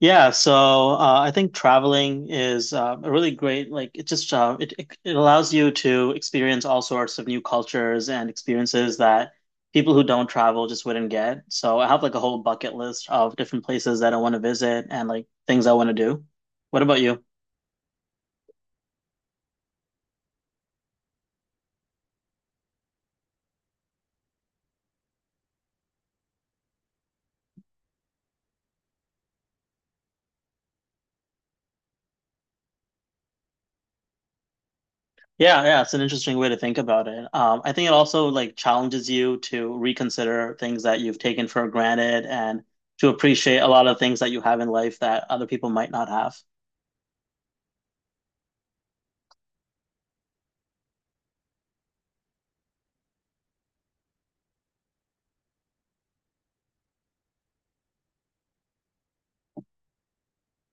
Yeah, so I think traveling is a really great like it just it it it allows you to experience all sorts of new cultures and experiences that people who don't travel just wouldn't get. So I have like a whole bucket list of different places that I want to visit and like things I want to do. What about you? Yeah, it's an interesting way to think about it. I think it also like challenges you to reconsider things that you've taken for granted and to appreciate a lot of things that you have in life that other people might not have.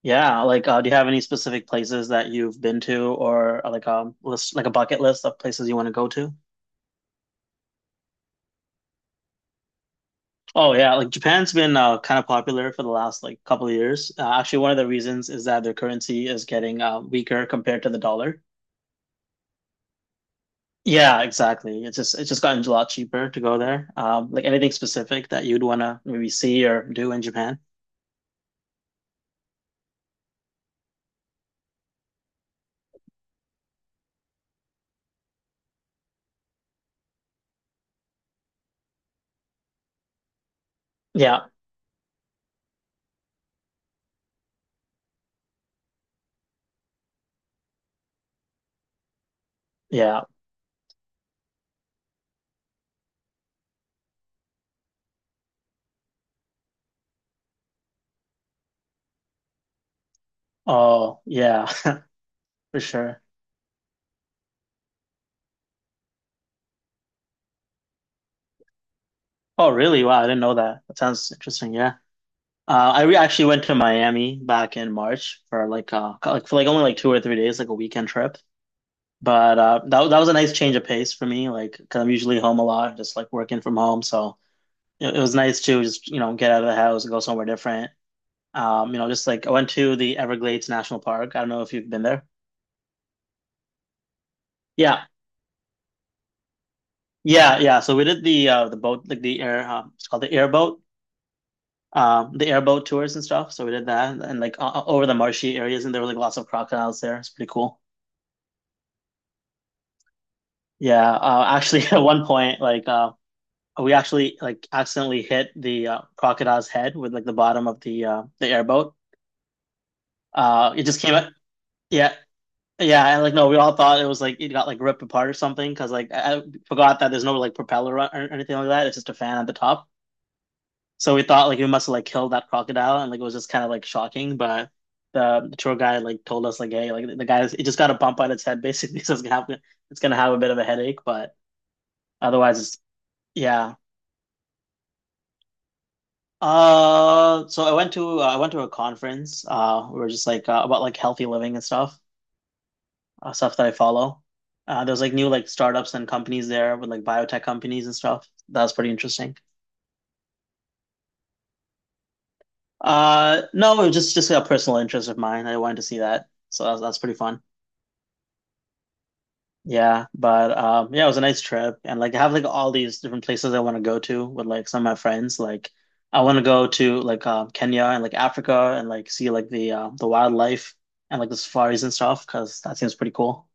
Yeah, like do you have any specific places that you've been to or list like a bucket list of places you want to go to? Oh yeah, like Japan's been kind of popular for the last like couple of years. Actually, one of the reasons is that their currency is getting weaker compared to the dollar. Yeah, exactly. It's just gotten a lot cheaper to go there. Like anything specific that you'd want to maybe see or do in Japan? Yeah, yeah. Oh yeah, for sure. Oh really? Wow, I didn't know that. That sounds interesting. Yeah. I re Actually went to Miami back in March for only like 2 or 3 days, like a weekend trip. But that that was a nice change of pace for me, like because 'cause I'm usually home a lot, just like working from home. So it was nice to just you know get out of the house and go somewhere different. You know, just like I went to the Everglades National Park. I don't know if you've been there. Yeah, yeah. So we did the boat like the air it's called the airboat. The airboat tours and stuff. So we did that, and like over the marshy areas, and there were like lots of crocodiles there. It's pretty cool. Yeah, actually, at one point, like we actually like accidentally hit the crocodile's head with like the bottom of the airboat. It just came out. Yeah, yeah, and like no, we all thought it was like it got like ripped apart or something because like I forgot that there's no like propeller or anything like that. It's just a fan at the top. So we thought like we must have like killed that crocodile, and like it was just kind of like shocking. But the tour guide like told us like, hey, like the guy it just got a bump on its head basically, so it's gonna have a bit of a headache, but otherwise it's. Yeah. So I went to a conference. We were just like about like healthy living and stuff, stuff that I follow. There was like new like startups and companies there with like biotech companies and stuff. That was pretty interesting. No, it was just a personal interest of mine. I wanted to see that, so that's pretty fun. Yeah, but yeah, it was a nice trip and like I have like all these different places I want to go to with like some of my friends. Like I want to go to like Kenya and like Africa and like see like the wildlife and like the safaris and stuff because that seems pretty cool.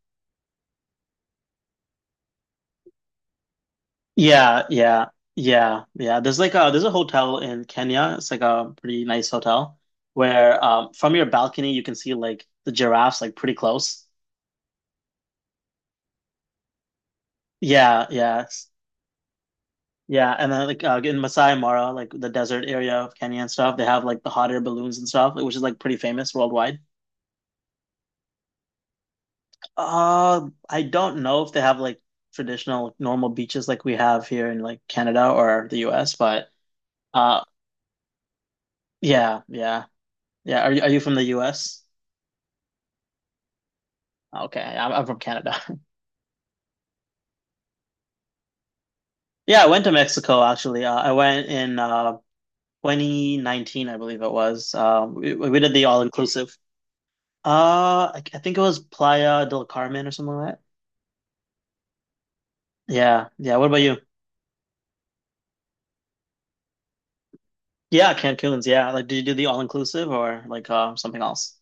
Yeah, yeah, yeah. There's a hotel in Kenya. It's like a pretty nice hotel where from your balcony you can see like the giraffes like pretty close. Yeah. Yeah, and then like in Masai Mara, like the desert area of Kenya and stuff, they have like the hot air balloons and stuff, which is like pretty famous worldwide. I don't know if they have like traditional like, normal beaches like we have here in like Canada or the US, but uh, yeah, yeah, yeah. Are you from the US? Okay, I'm from Canada. Yeah, I went to Mexico actually. I went in 2019, I believe it was. We did the all inclusive. I think it was Playa del Carmen or something like that. Yeah, yeah. What about you? Yeah, Cancun's. Yeah, like, did you do the all inclusive or like something else?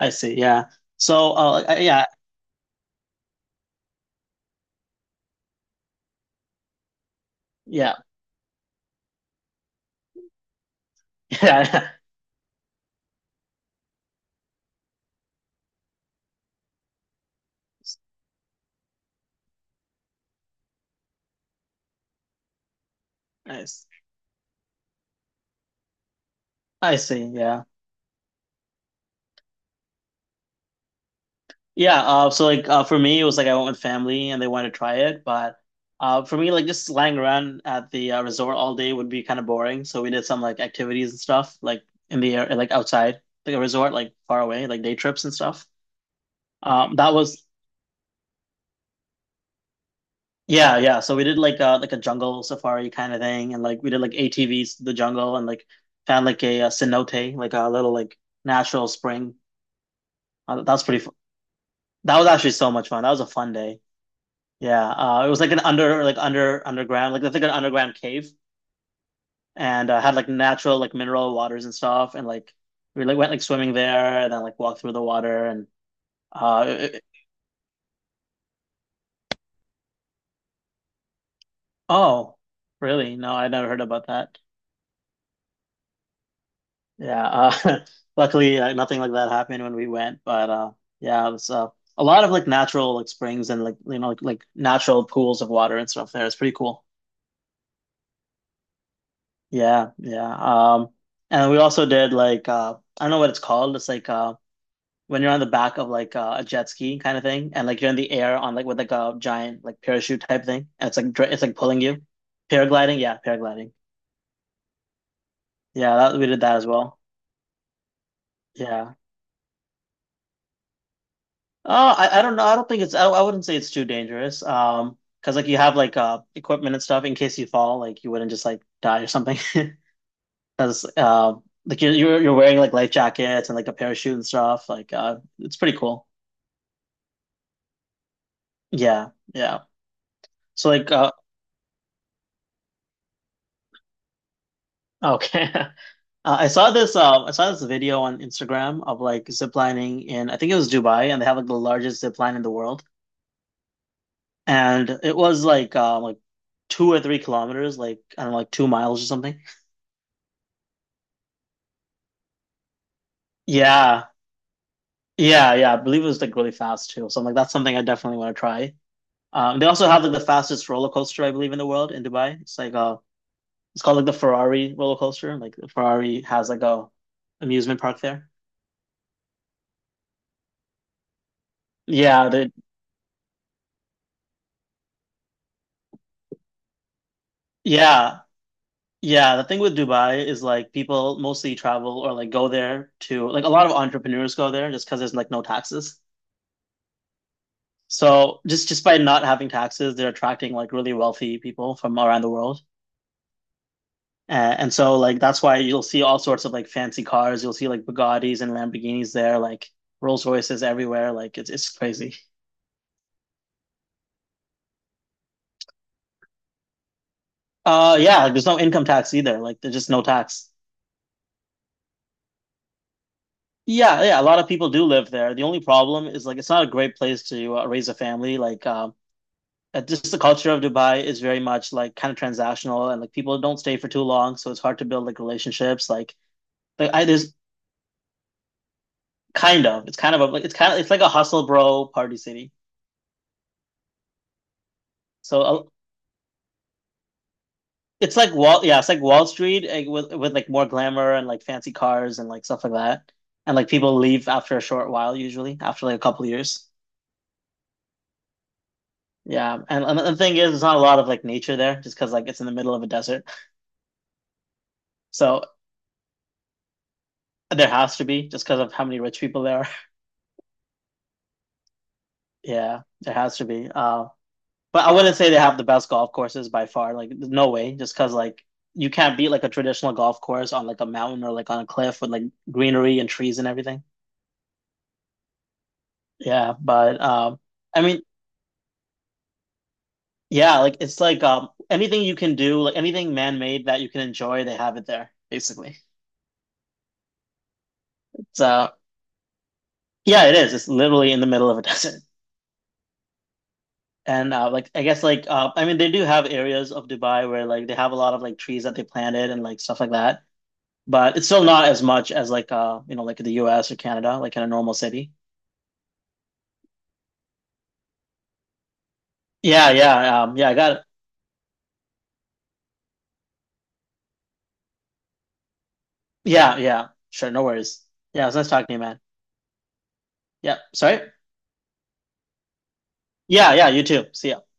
I see. Yeah. So, yeah, yeah. Nice. I see. Yeah, yeah. For me, it was like I went with family and they wanted to try it, but for me, like just lying around at the resort all day would be kind of boring. So we did some like activities and stuff, like in the air, like outside, like a resort, like far away, like day trips and stuff. That was Yeah, yeah. So we did like a jungle safari kind of thing, and like we did like ATVs to the jungle, and like found like a cenote, like a little like natural spring. Uh, that was pretty. Fu that was actually so much fun. That was a fun day. Yeah. It was like an underground like I think an underground cave, and had like natural like mineral waters and stuff, and like we like went like swimming there, and then like walked through the water, and uh it- it- oh really? No, I never heard about that. Yeah, luckily nothing like that happened when we went, but yeah, it was a lot of like natural like springs and like you know like natural pools of water and stuff there. It's pretty cool. Yeah. And we also did like I don't know what it's called. It's like when you're on the back of like a jet ski kind of thing, and like you're in the air on like with like a giant like parachute type thing, and it's like pulling you. Paragliding. Yeah, that, we did that as well. Yeah. I don't know. I don't think it's, I wouldn't say it's too dangerous. Because like you have like equipment and stuff in case you fall, like you wouldn't just like die or something. Because like you're wearing like life jackets and like a parachute and stuff. Like it's pretty cool. Yeah, yeah. So like okay. I saw this video on Instagram of like ziplining in I think it was Dubai and they have like the largest zip line in the world and it was like 2 or 3 kilometers like I don't know like 2 miles or something. Yeah, yeah, I believe it was like really fast too. So I'm like, that's something I definitely want to try. They also have like the fastest roller coaster I believe in the world in Dubai. It's like it's called like the Ferrari roller coaster. Like Ferrari has like a amusement park there. Yeah, the yeah, yeah. The thing with Dubai is like people mostly travel or like go there to like a lot of entrepreneurs go there just because there's like no taxes. So just by not having taxes, they're attracting like really wealthy people from around the world. And so like that's why you'll see all sorts of like fancy cars. You'll see like Bugattis and Lamborghinis there, like Rolls Royces everywhere. Like it's crazy. Yeah, like, there's no income tax either. Like there's just no tax. Yeah, a lot of people do live there. The only problem is like it's not a great place to raise a family. Like just the culture of Dubai is very much like kind of transactional and like people don't stay for too long, so it's hard to build like relationships. Like I there's kind of it's kind of a, like it's kind of it's like a hustle bro party city. So uh, yeah, it's like Wall Street like, with like more glamour and like fancy cars and like stuff like that. And like people leave after a short while usually, after like a couple years. Yeah, and the thing is, there's not a lot of like nature there, just because like it's in the middle of a desert. So there has to be, just because of how many rich people there are. Yeah, there has to be. But I wouldn't say they have the best golf courses by far. Like no way, just because like you can't beat like a traditional golf course on like a mountain or like on a cliff with like greenery and trees and everything. Yeah, but I mean, yeah, like it's like anything you can do, like anything man-made that you can enjoy, they have it there, basically. So yeah, it is. It's literally in the middle of a desert. And I guess like I mean they do have areas of Dubai where like they have a lot of like trees that they planted and like stuff like that. But it's still not as much as like you know like the US or Canada, like in a normal city. Yeah, I got it. Yeah, yeah, sure, no worries. Yeah, it was nice talking to you, man. Yeah, sorry. Yeah, yeah, you too. See ya.